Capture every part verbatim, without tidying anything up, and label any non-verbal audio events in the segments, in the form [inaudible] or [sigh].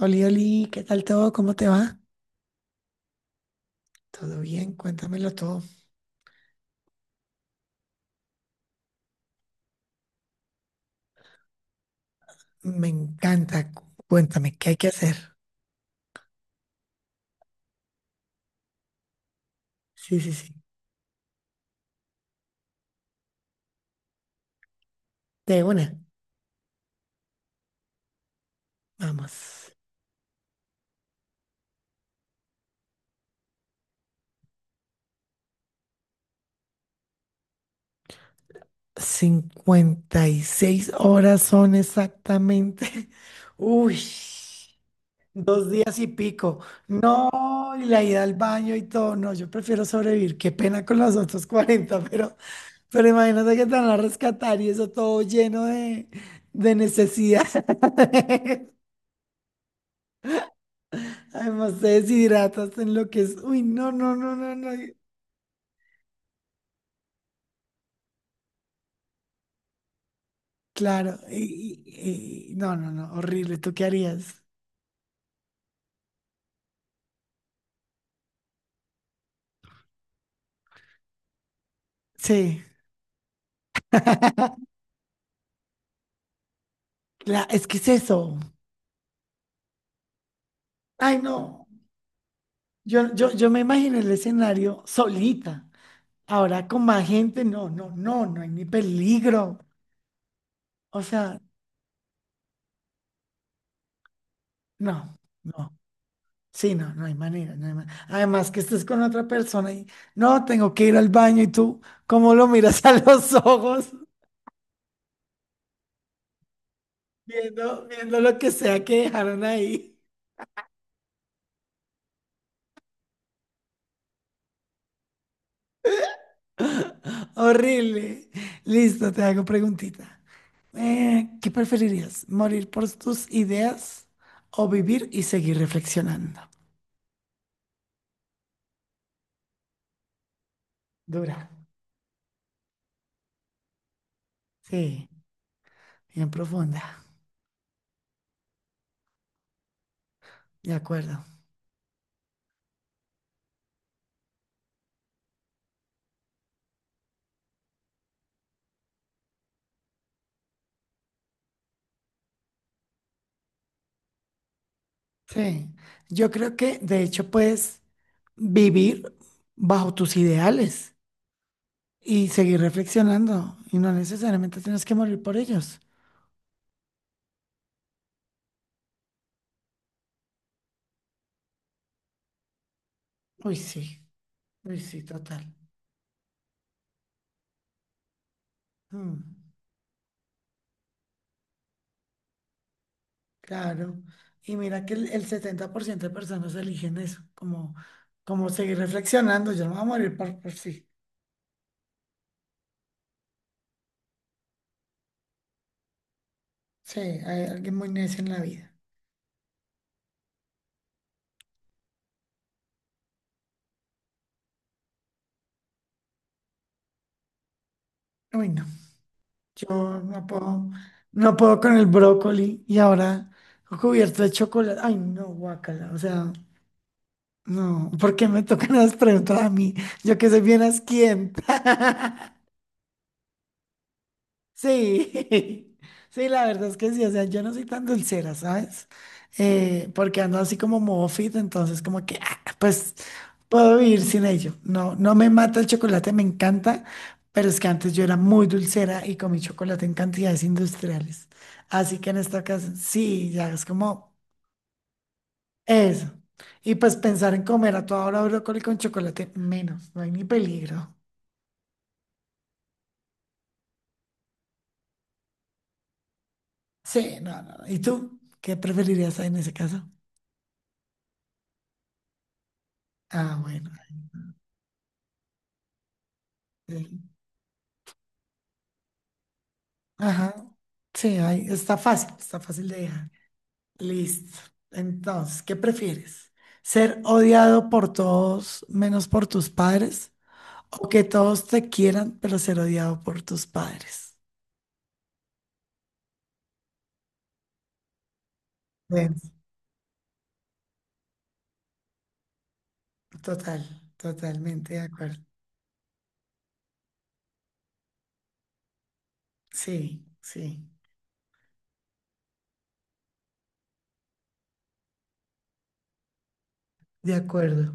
Oli, Oli, ¿qué tal todo? ¿Cómo te va? ¿Todo bien? Cuéntamelo todo. Me encanta. Cu- Cuéntame, ¿qué hay que hacer? Sí, sí, sí. De una. Vamos. Cincuenta y seis horas son exactamente. [laughs] Uy, dos días y pico. No, y la ida al baño y todo. No, yo prefiero sobrevivir. Qué pena con los otros cuarenta. pero, pero imagínate que te van a rescatar y eso todo lleno de, de necesidad. [laughs] Además, te deshidratas en lo que es. Uy, no, no, no, no, no. Claro. y- y- y- no, no, no. Horrible. ¿Tú qué harías? Sí. La- es que es eso. Ay, no. Yo, yo, yo me imagino el escenario solita. Ahora con más gente, no, no, no, no hay ni peligro. O sea, no, no. Sí, no, no hay manera. No hay ma- Además que estés con otra persona y no, tengo que ir al baño y tú, ¿cómo lo miras [laughs] a los ojos? Viendo, viendo lo que sea que dejaron ahí. [laughs] Horrible. Listo, te hago preguntita. Eh, ¿qué preferirías? ¿Morir por tus ideas o vivir y seguir reflexionando? Dura. Sí, bien profunda. De acuerdo. Sí. Yo creo que de hecho puedes vivir bajo tus ideales y seguir reflexionando y no necesariamente tienes que morir por ellos. Uy, sí. Uy, sí, total. Mm. Claro, y mira que el, el setenta por ciento de personas eligen eso, como, como seguir reflexionando, yo no me voy a morir por, por sí. Sí, hay alguien muy necio en la vida. Uy, no, yo no puedo, no puedo con el brócoli y ahora cubierto de chocolate. Ay, no, guácala, o sea, no, ¿por qué me tocan las preguntas a mí? Yo que soy bien asquienta. [laughs] Sí, [laughs] sí, la verdad es que sí, o sea, yo no soy tan dulcera, ¿sabes? Eh, porque ando así como modo fit, entonces como que, ah, pues puedo vivir sin ello. No, no me mata el chocolate, me encanta, pero es que antes yo era muy dulcera y comí chocolate en cantidades industriales. Así que en esta ocasión, sí, ya es como eso. Y pues pensar en comer a toda hora brócoli con chocolate, menos, no hay ni peligro. Sí, no, no. No. ¿Y tú? ¿Qué preferirías en ese caso? Ah, bueno. Sí. Ajá. Sí, ahí está fácil, está fácil de dejar. Listo. Entonces, ¿qué prefieres? ¿Ser odiado por todos menos por tus padres? ¿O que todos te quieran, pero ser odiado por tus padres? Ven, total, totalmente de acuerdo. Sí, sí, de acuerdo.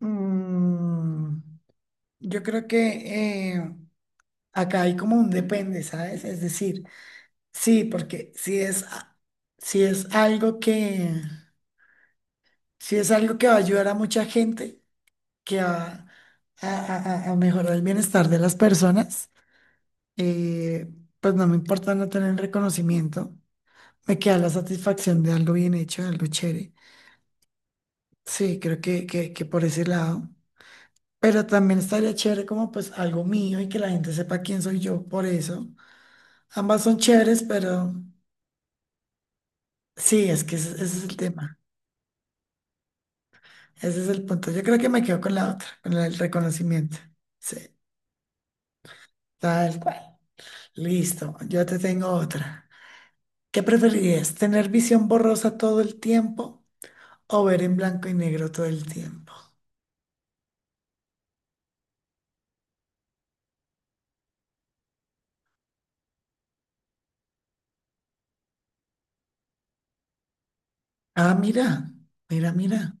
Mm, yo creo que eh, acá hay como un depende, ¿sabes? Es decir, sí, porque si es, a- si es algo que, si es algo que va a ayudar a mucha gente, que va a, a- a- a mejorar el bienestar de las personas, eh, pues no me importa no tener reconocimiento, me queda la satisfacción de algo bien hecho, de algo chévere. Sí, creo que, que, que por ese lado. Pero también estaría chévere como pues algo mío y que la gente sepa quién soy yo por eso. Ambas son chéveres, pero sí, es que ese ese es el tema. Ese es el punto. Yo creo que me quedo con la otra, con el reconocimiento. Sí, tal cual. Listo, yo te tengo otra. ¿Qué preferirías? ¿Tener visión borrosa todo el tiempo o ver en blanco y negro todo el tiempo? Ah, mira, mira, mira.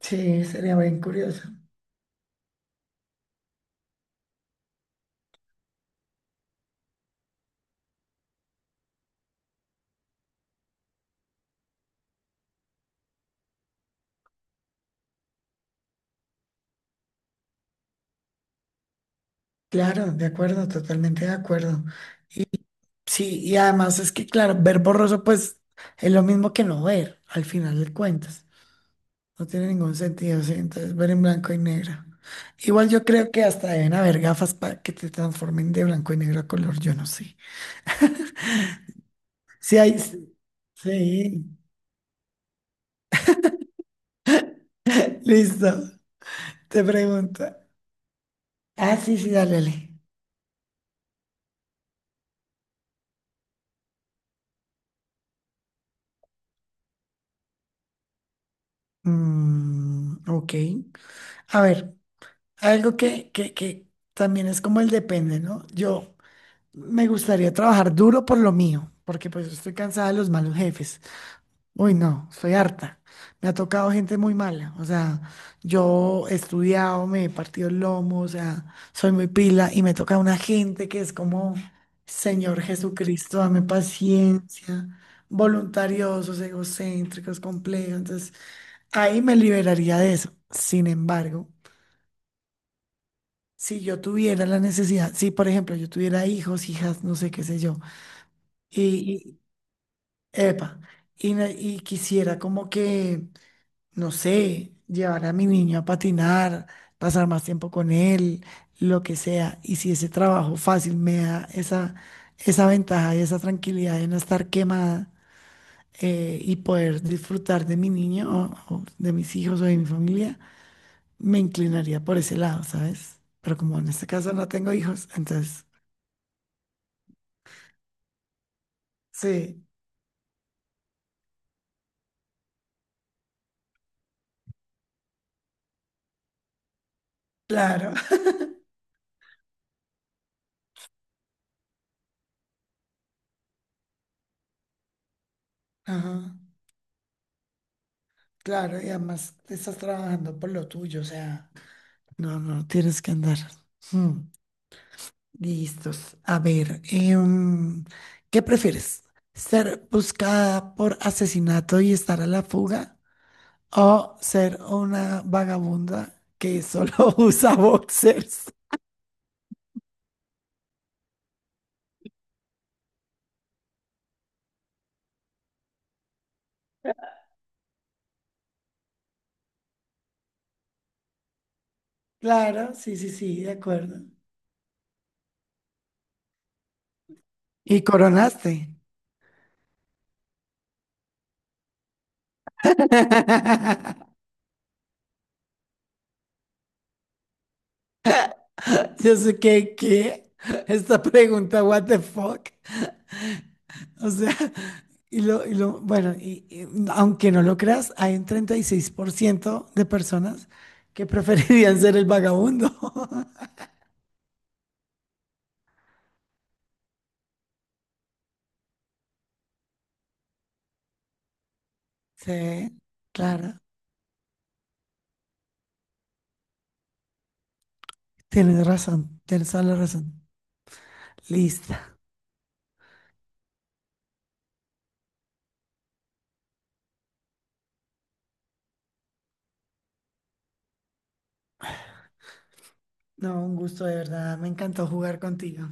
Sí, sería bien curioso. Claro, de acuerdo, totalmente de acuerdo. Y sí, y además es que, claro, ver borroso, pues es lo mismo que no ver, al final de cuentas. No tiene ningún sentido, sí. Entonces, ver en blanco y negro. Igual yo creo que hasta deben haber gafas para que te transformen de blanco y negro a color, yo no sé. Sí, hay. Sí, sí. Listo. Te pregunto. Ah, sí, sí, dale, dale. Mm, ok. A ver, algo que, que, que también es como el depende, ¿no? Yo me gustaría trabajar duro por lo mío, porque pues estoy cansada de los malos jefes. Uy, no, soy harta. Me ha tocado gente muy mala. O sea, yo he estudiado, me he partido el lomo, o sea, soy muy pila y me toca una gente que es como, Señor Jesucristo, dame paciencia, voluntariosos, egocéntricos, complejos. Entonces, ahí me liberaría de eso. Sin embargo, si yo tuviera la necesidad, si por ejemplo yo tuviera hijos, hijas, no sé qué sé yo, y, y- epa, y, ne- y quisiera como que no sé, llevar a mi niño a patinar, pasar más tiempo con él, lo que sea. Y si ese trabajo fácil me da esa, esa ventaja y esa tranquilidad de no estar quemada, eh, y poder disfrutar de mi niño o, o de mis hijos o de mi familia, me inclinaría por ese lado, ¿sabes? Pero como en este caso no tengo hijos, entonces sí, claro. [laughs] Ajá, claro, y además estás trabajando por lo tuyo, o sea, no, no tienes que andar. mm, Listos. A ver, em, ¿qué prefieres? ¿Ser buscada por asesinato y estar a la fuga? ¿O ser una vagabunda que solo [laughs] usa boxers? Claro, sí, sí, sí, de acuerdo. Y coronaste. [laughs] Yo sé que, ¿qué? Esta pregunta, what the fuck? O sea, [laughs] y lo, y lo bueno, y, y aunque no lo creas, hay un treinta y seis por ciento de personas que [laughs] preferirían ser el vagabundo. [laughs] Sí, claro, tienes razón, tienes toda la razón. Lista. No, un gusto de verdad, me encantó jugar contigo.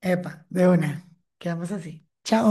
Epa, de una, quedamos así. Chao.